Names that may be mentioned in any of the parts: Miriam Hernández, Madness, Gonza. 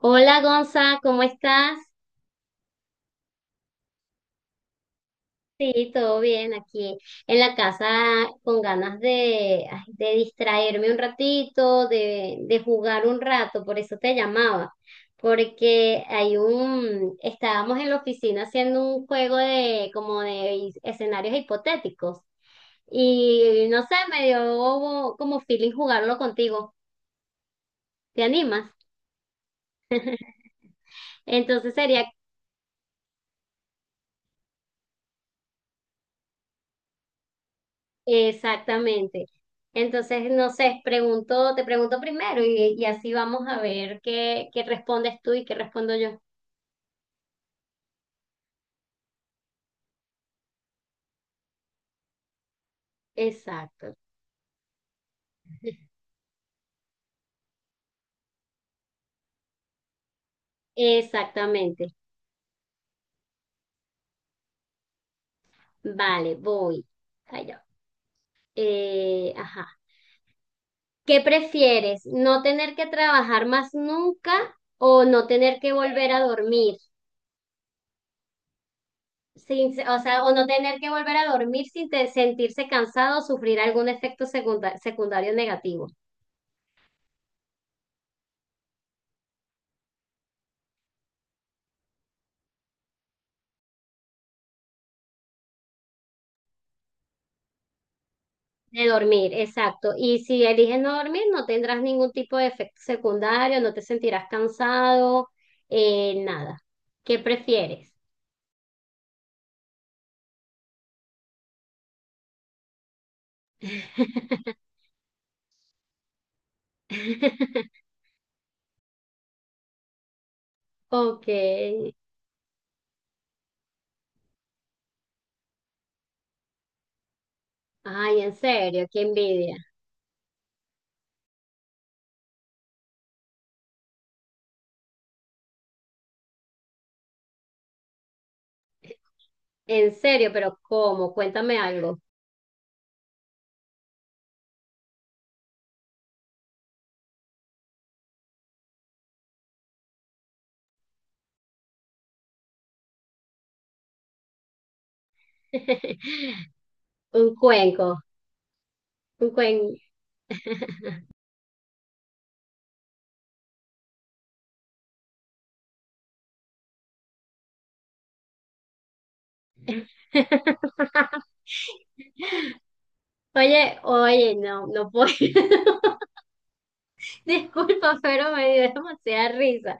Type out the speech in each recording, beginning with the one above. Hola Gonza, ¿cómo estás? Sí, todo bien aquí en la casa con ganas de distraerme un ratito, de jugar un rato, por eso te llamaba, porque estábamos en la oficina haciendo un juego de como de escenarios hipotéticos y no sé, me dio como feeling jugarlo contigo. ¿Te animas? Entonces sería. Exactamente. Entonces, no sé, te pregunto primero y así vamos a ver qué respondes tú y qué respondo yo. Exacto, exactamente. Vale, voy. Allá. Ajá. ¿Qué prefieres? ¿No tener que trabajar más nunca o no tener que volver a dormir? Sin, O sea, o no tener que volver a dormir sin sentirse cansado o sufrir algún efecto secundario negativo. De dormir, exacto. Y si eliges no dormir, no tendrás ningún tipo de efecto secundario, no te sentirás cansado, nada. ¿Qué prefieres? Ok. Ay, en serio, qué envidia. En serio, pero ¿cómo? Cuéntame algo. Un cuenco, un cuenco. Oye, oye, no, no puedo. Disculpa, pero me dio demasiada risa.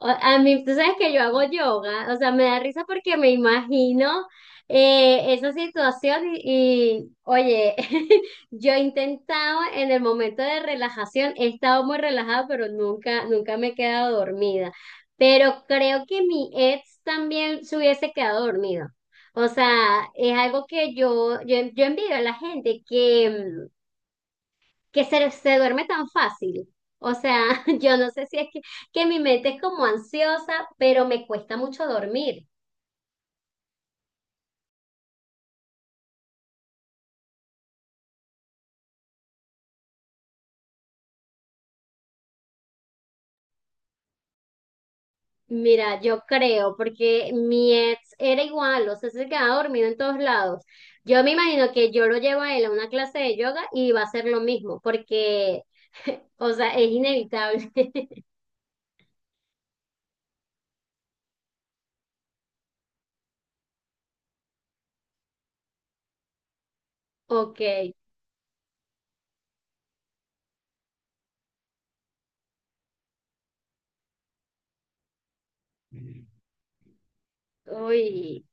A mí, tú sabes que yo hago yoga, o sea, me da risa porque me imagino esa situación y, oye, yo he intentado en el momento de relajación, he estado muy relajada, pero nunca, nunca me he quedado dormida. Pero creo que mi ex también se hubiese quedado dormido. O sea, es algo que yo envidio a la gente que se duerme tan fácil. O sea, yo no sé si es que mi mente es como ansiosa, pero me cuesta mucho dormir. Mira, yo creo, porque mi ex era igual, o sea, se quedaba dormido en todos lados. Yo me imagino que yo lo llevo a él a una clase de yoga y va a ser lo mismo, porque, o sea, es inevitable. Ok, uy.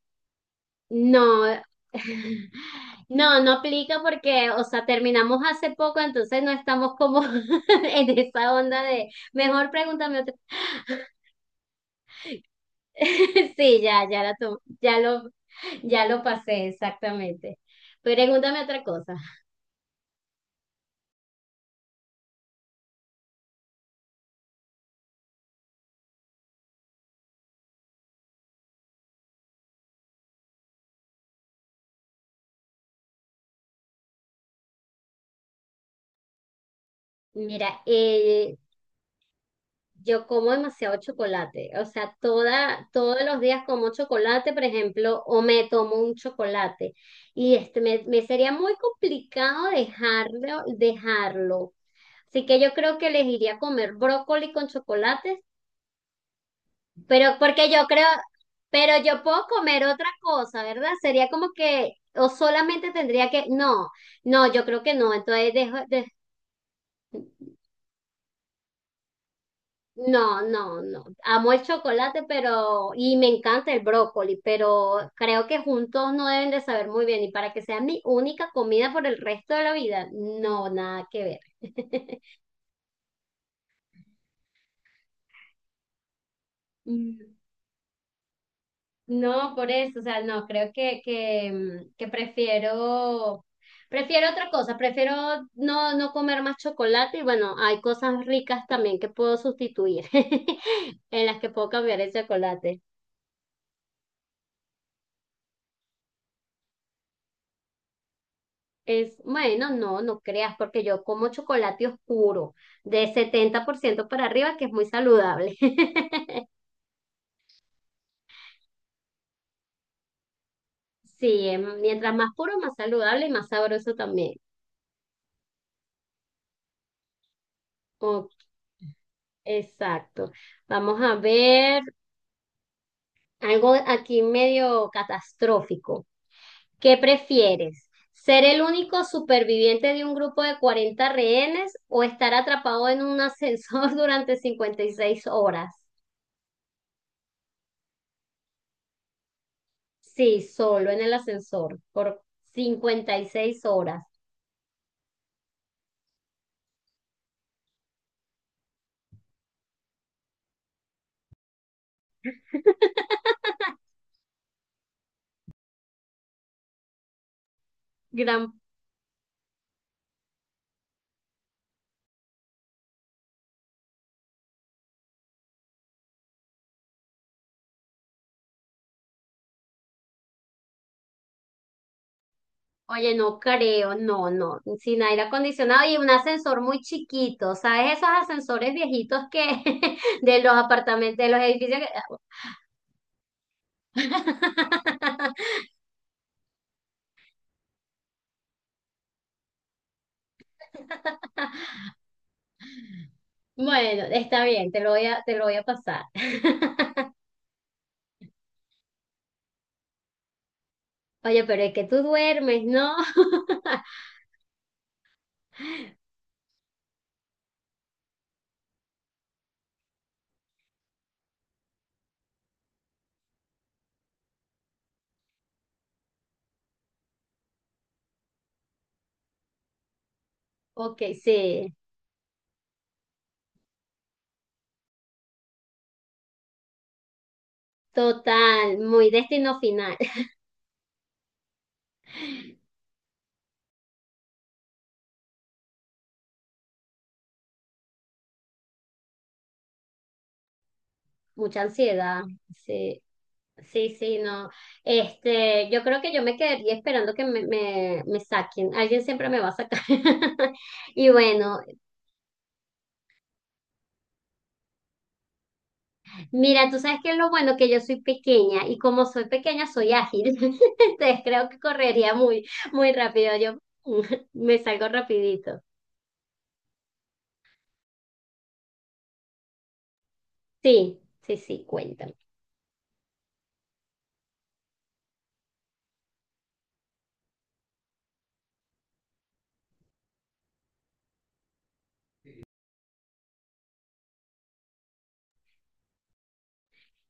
No, no, no aplica porque, o sea, terminamos hace poco, entonces no estamos como en esa onda de, mejor pregúntame otra. Sí, ya, ya la tu- ya lo pasé exactamente. Pregúntame otra cosa. Mira, yo como demasiado chocolate, o sea, todos los días como chocolate, por ejemplo, o me tomo un chocolate. Y me sería muy complicado dejarlo, dejarlo. Así que yo creo que elegiría comer brócoli con chocolates, pero porque yo creo, pero yo puedo comer otra cosa, ¿verdad? Sería como que, o solamente tendría que, no, no, yo creo que no, entonces dejo, de. No, no, no. Amo el chocolate, pero, y me encanta el brócoli, pero creo que juntos no deben de saber muy bien. Y para que sea mi única comida por el resto de la vida, no, nada que ver. Mm. No, por eso, o sea, no, creo que prefiero, prefiero otra cosa, prefiero no comer más chocolate y bueno, hay cosas ricas también que puedo sustituir, en las que puedo cambiar el chocolate. Bueno, no, no creas, porque yo como chocolate oscuro de 70% para arriba, que es muy saludable. Sí, mientras más puro, más saludable y más sabroso también. Ok, exacto. Vamos a ver algo aquí medio catastrófico. ¿Qué prefieres? ¿Ser el único superviviente de un grupo de 40 rehenes o estar atrapado en un ascensor durante 56 horas? Sí, solo en el ascensor por 56 horas. Gran, Oye, no creo, no, no, sin aire acondicionado y un ascensor muy chiquito, ¿sabes? Esos ascensores viejitos que de los apartamentos, de los edificios que... Bueno, está bien, te lo voy a pasar. Oye, pero es que tú duermes, ¿no? Ok, sí, total, muy destino final, mucha ansiedad, sí. Sí, sí, no. Yo creo que yo me quedaría esperando que me saquen. Alguien siempre me va a sacar. Y bueno, mira, tú sabes que lo bueno que yo soy pequeña y como soy pequeña soy ágil. Entonces creo que correría muy, muy rápido. Yo me salgo rapidito. Sí, sí, sí, cuéntame.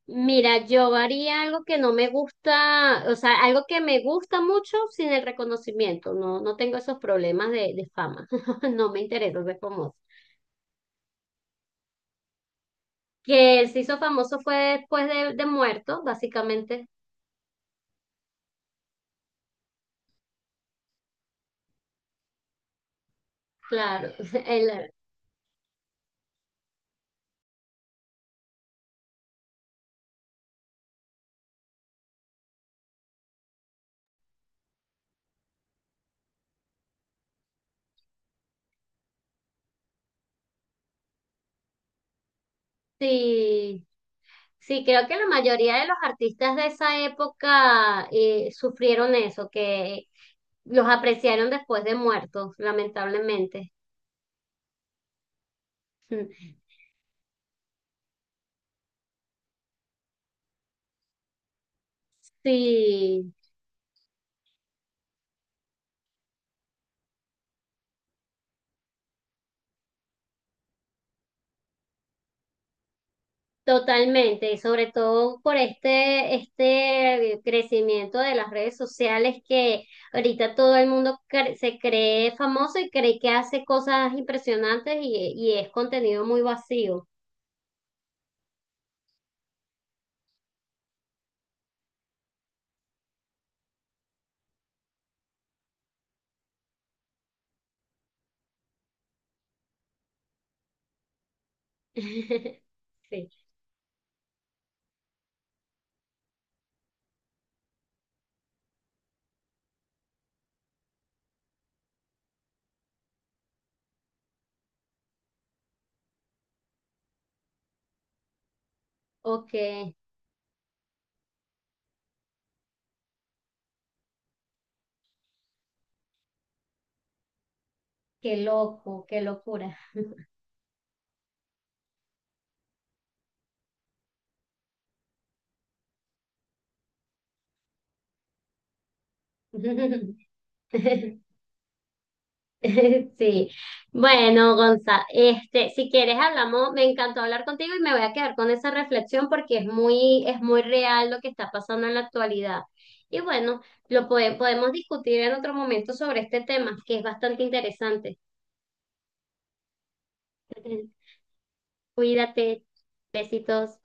Mira, yo haría algo que no me gusta, o sea, algo que me gusta mucho sin el reconocimiento. No, no tengo esos problemas de fama. No me interesa ser famosa. Que él se hizo famoso fue después de muerto, básicamente. Claro, él- sí, sí, creo que la mayoría de los artistas de esa época sufrieron eso, que los apreciaron después de muertos, lamentablemente. Sí. Totalmente, y sobre todo por este crecimiento de las redes sociales que ahorita todo el mundo se cree famoso y cree que hace cosas impresionantes y es contenido muy vacío. Sí, ok, qué loco, qué locura. Sí, bueno, Gonza, si quieres hablamos, me encantó hablar contigo y me voy a quedar con esa reflexión porque es muy real lo que está pasando en la actualidad. Y bueno, lo podemos discutir en otro momento sobre este tema, que es bastante interesante. Cuídate, besitos.